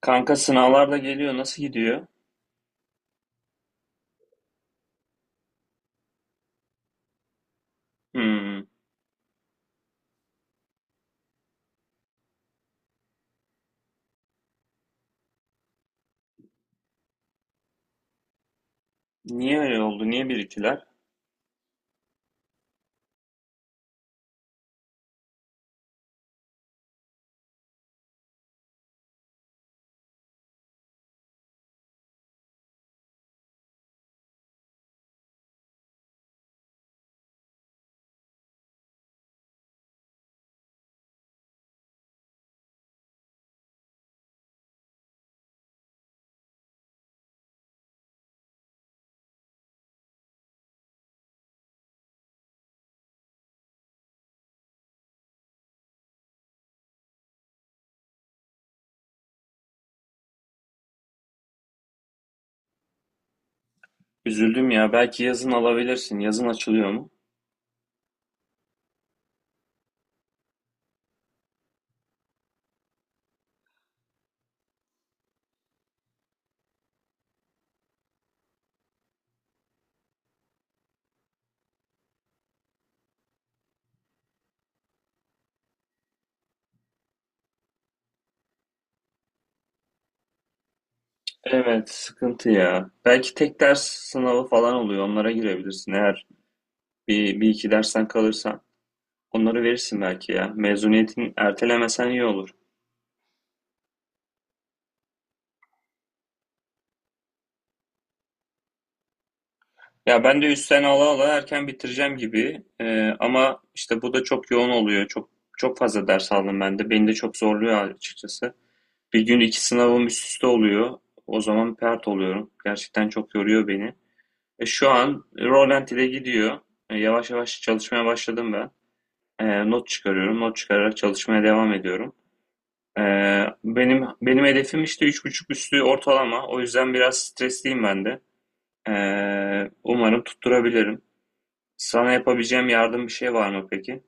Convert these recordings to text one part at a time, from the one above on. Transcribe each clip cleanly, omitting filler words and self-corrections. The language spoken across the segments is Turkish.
Kanka sınavlar da geliyor. Nasıl gidiyor? Hmm. Niye öyle oldu? Niye biriktiler? Üzüldüm ya. Belki yazın alabilirsin. Yazın açılıyor mu? Evet, sıkıntı ya. Belki tek ders sınavı falan oluyor. Onlara girebilirsin. Eğer bir iki dersten kalırsan onları verirsin belki ya. Mezuniyetini ertelemesen iyi olur. Ya ben de üstten ala ala erken bitireceğim gibi. Ama işte bu da çok yoğun oluyor. Çok çok fazla ders aldım ben de. Beni de çok zorluyor açıkçası. Bir gün iki sınavım üst üste oluyor. O zaman pert oluyorum. Gerçekten çok yoruyor beni. Şu an Roland ile gidiyor. Yavaş yavaş çalışmaya başladım ben. Not çıkarıyorum. Not çıkararak çalışmaya devam ediyorum. E, benim hedefim işte 3,5 üstü ortalama. O yüzden biraz stresliyim ben de. E, Umarım tutturabilirim. Sana yapabileceğim yardım bir şey var mı peki?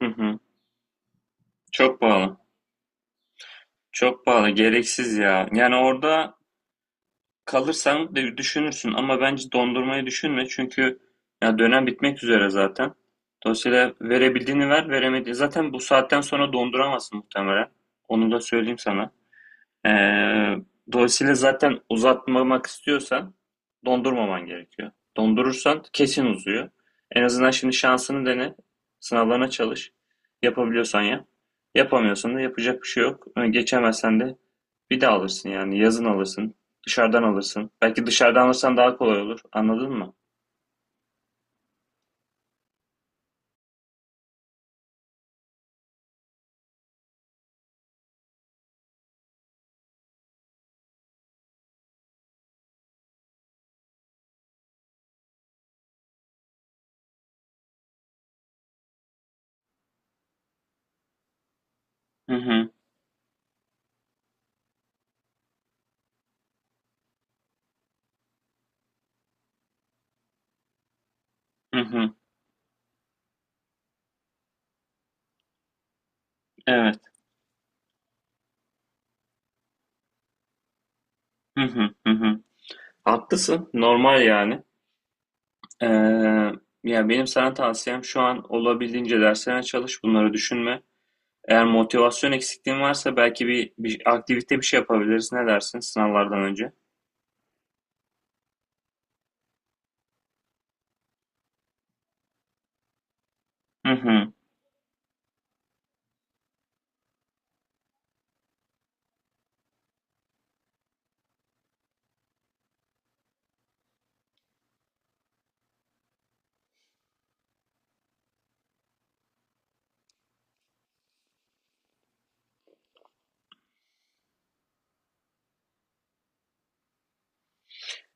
Hı hı. Çok pahalı. Çok pahalı. Gereksiz ya. Yani orada kalırsan de düşünürsün ama bence dondurmayı düşünme çünkü ya dönem bitmek üzere zaten. Dolayısıyla verebildiğini ver, veremediğini zaten bu saatten sonra donduramazsın muhtemelen. Onu da söyleyeyim sana. Ee, Dolayısıyla zaten uzatmamak istiyorsan dondurmaman gerekiyor. Dondurursan kesin uzuyor. En azından şimdi şansını dene. Sınavlarına çalış. Yapabiliyorsan yap. Yapamıyorsan da yapacak bir şey yok. Geçemezsen de bir daha alırsın yani. Yazın alırsın. Dışarıdan alırsın. Belki dışarıdan alırsan daha kolay olur. Anladın mı? Hı hı. Hı hı. Evet. Hı hı. Hı hı. Haklısın. Normal yani. Ee, Ya benim sana tavsiyem şu an olabildiğince derslerine çalış, bunları düşünme. Eğer motivasyon eksikliğin varsa belki bir aktivite bir şey yapabiliriz. Ne dersin sınavlardan önce? Hı hı.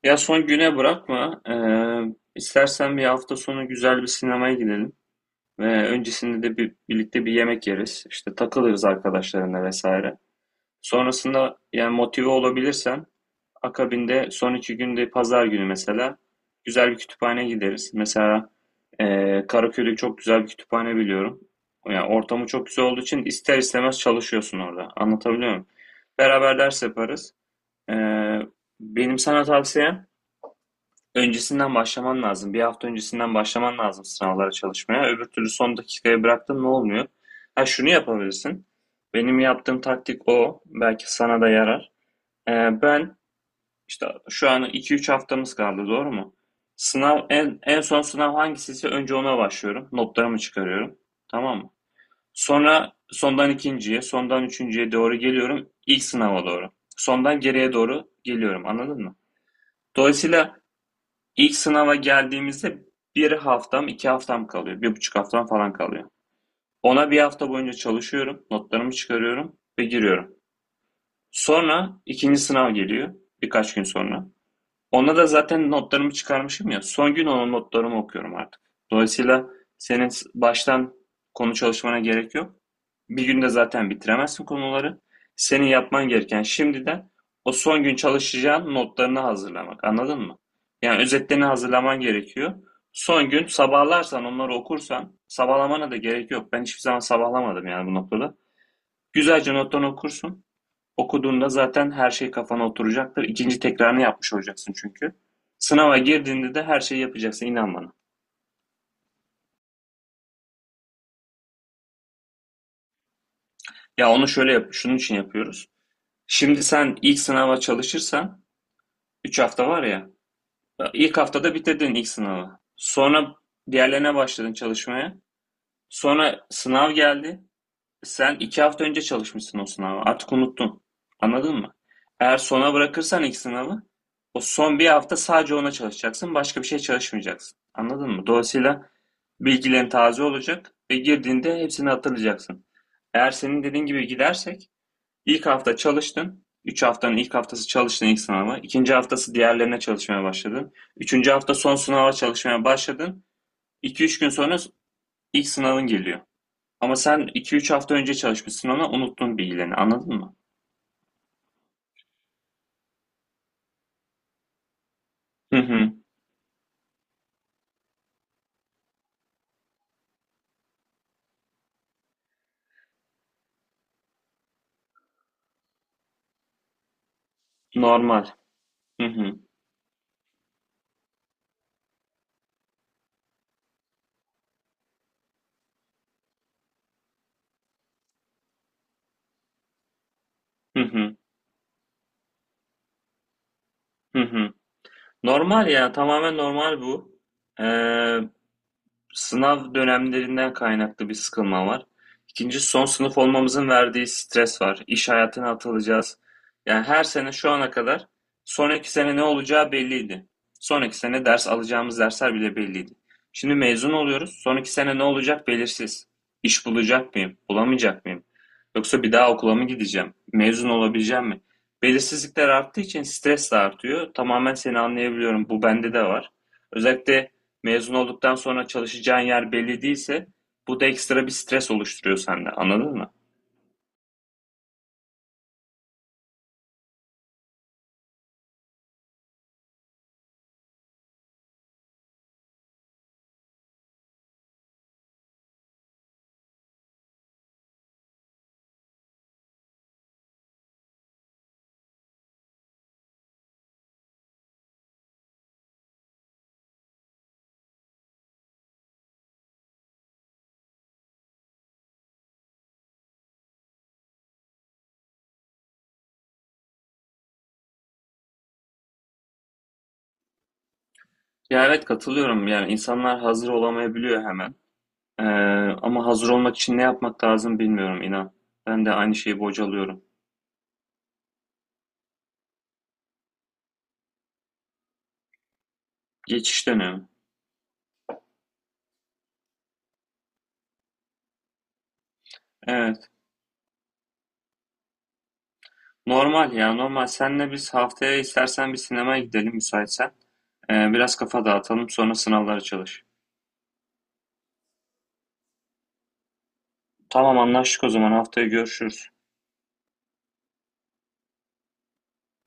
Ya son güne bırakma. İstersen bir hafta sonu güzel bir sinemaya gidelim. Ve öncesinde de birlikte bir yemek yeriz. İşte takılırız arkadaşlarına vesaire. Sonrasında yani motive olabilirsen akabinde son iki günde pazar günü mesela güzel bir kütüphane gideriz. Mesela Karaköy'de çok güzel bir kütüphane biliyorum. Yani ortamı çok güzel olduğu için ister istemez çalışıyorsun orada. Anlatabiliyor muyum? Beraber ders yaparız. Eee, Benim sana tavsiyem öncesinden başlaman lazım. Bir hafta öncesinden başlaman lazım sınavlara çalışmaya. Öbür türlü son dakikaya bıraktın ne olmuyor? Ha şunu yapabilirsin. Benim yaptığım taktik o. Belki sana da yarar. Ben işte şu an iki üç haftamız kaldı, doğru mu? Sınav en son sınav hangisiyse önce ona başlıyorum. Notlarımı çıkarıyorum. Tamam mı? Sonra sondan ikinciye, sondan üçüncüye doğru geliyorum. İlk sınava doğru. Sondan geriye doğru geliyorum. Anladın mı? Dolayısıyla ilk sınava geldiğimizde iki haftam kalıyor. Bir buçuk haftam falan kalıyor. Ona bir hafta boyunca çalışıyorum. Notlarımı çıkarıyorum ve giriyorum. Sonra ikinci sınav geliyor. Birkaç gün sonra. Ona da zaten notlarımı çıkarmışım ya. Son gün onun notlarımı okuyorum artık. Dolayısıyla baştan konu çalışmana gerek yok. Bir günde zaten bitiremezsin konuları. Senin yapman gereken şimdiden o son gün çalışacağın notlarını hazırlamak. Anladın mı? Yani özetlerini hazırlaman gerekiyor. Son gün sabahlarsan onları okursan sabahlamana da gerek yok. Ben hiçbir zaman sabahlamadım yani bu noktada. Güzelce notlarını okursun. Okuduğunda zaten her şey kafana oturacaktır. İkinci tekrarını yapmış olacaksın çünkü. Sınava girdiğinde de her şeyi yapacaksın inan bana. Ya onu şöyle yap, şunun için yapıyoruz. Şimdi sen ilk sınava çalışırsan 3 hafta var ya. İlk haftada bitirdin ilk sınavı. Sonra diğerlerine başladın çalışmaya. Sonra sınav geldi. Sen iki hafta önce çalışmışsın o sınava. Artık unuttun. Anladın mı? Eğer sona bırakırsan ilk sınavı, o son bir hafta sadece ona çalışacaksın. Başka bir şey çalışmayacaksın. Anladın mı? Dolayısıyla bilgilerin taze olacak ve girdiğinde hepsini hatırlayacaksın. Eğer senin dediğin gibi gidersek, ilk hafta çalıştın. Üç haftanın ilk haftası çalıştın ilk sınava. İkinci haftası diğerlerine çalışmaya başladın. Üçüncü hafta son sınava çalışmaya başladın. İki üç gün sonra ilk sınavın geliyor. Ama sen iki üç hafta önce çalışmışsın ona, unuttun bilgilerini, anladın mı? Hı hı. Normal. Hı hı. Hı hı. Hı hı. Normal ya, tamamen normal bu. Ee, Sınav dönemlerinden kaynaklı bir sıkılma var. İkinci son sınıf olmamızın verdiği stres var. İş hayatına atılacağız. Yani her sene şu ana kadar sonraki sene ne olacağı belliydi. Sonraki sene ders alacağımız dersler bile belliydi. Şimdi mezun oluyoruz. Sonraki sene ne olacak belirsiz. İş bulacak mıyım? Bulamayacak mıyım? Yoksa bir daha okula mı gideceğim? Mezun olabileceğim mi? Belirsizlikler arttığı için stres de artıyor. Tamamen seni anlayabiliyorum. Bu bende de var. Özellikle mezun olduktan sonra çalışacağın yer belli değilse bu da ekstra bir stres oluşturuyor sende. Anladın mı? Ya evet katılıyorum. Yani insanlar hazır olamayabiliyor hemen. Ee, Ama hazır olmak için ne yapmak lazım bilmiyorum inan. Ben de aynı şeyi bocalıyorum. Geçiş dönemi. Evet. Normal ya normal. Senle biz haftaya istersen bir sinemaya gidelim müsaitsen. Biraz kafa dağıtalım sonra sınavlara çalış. Tamam anlaştık o zaman haftaya görüşürüz.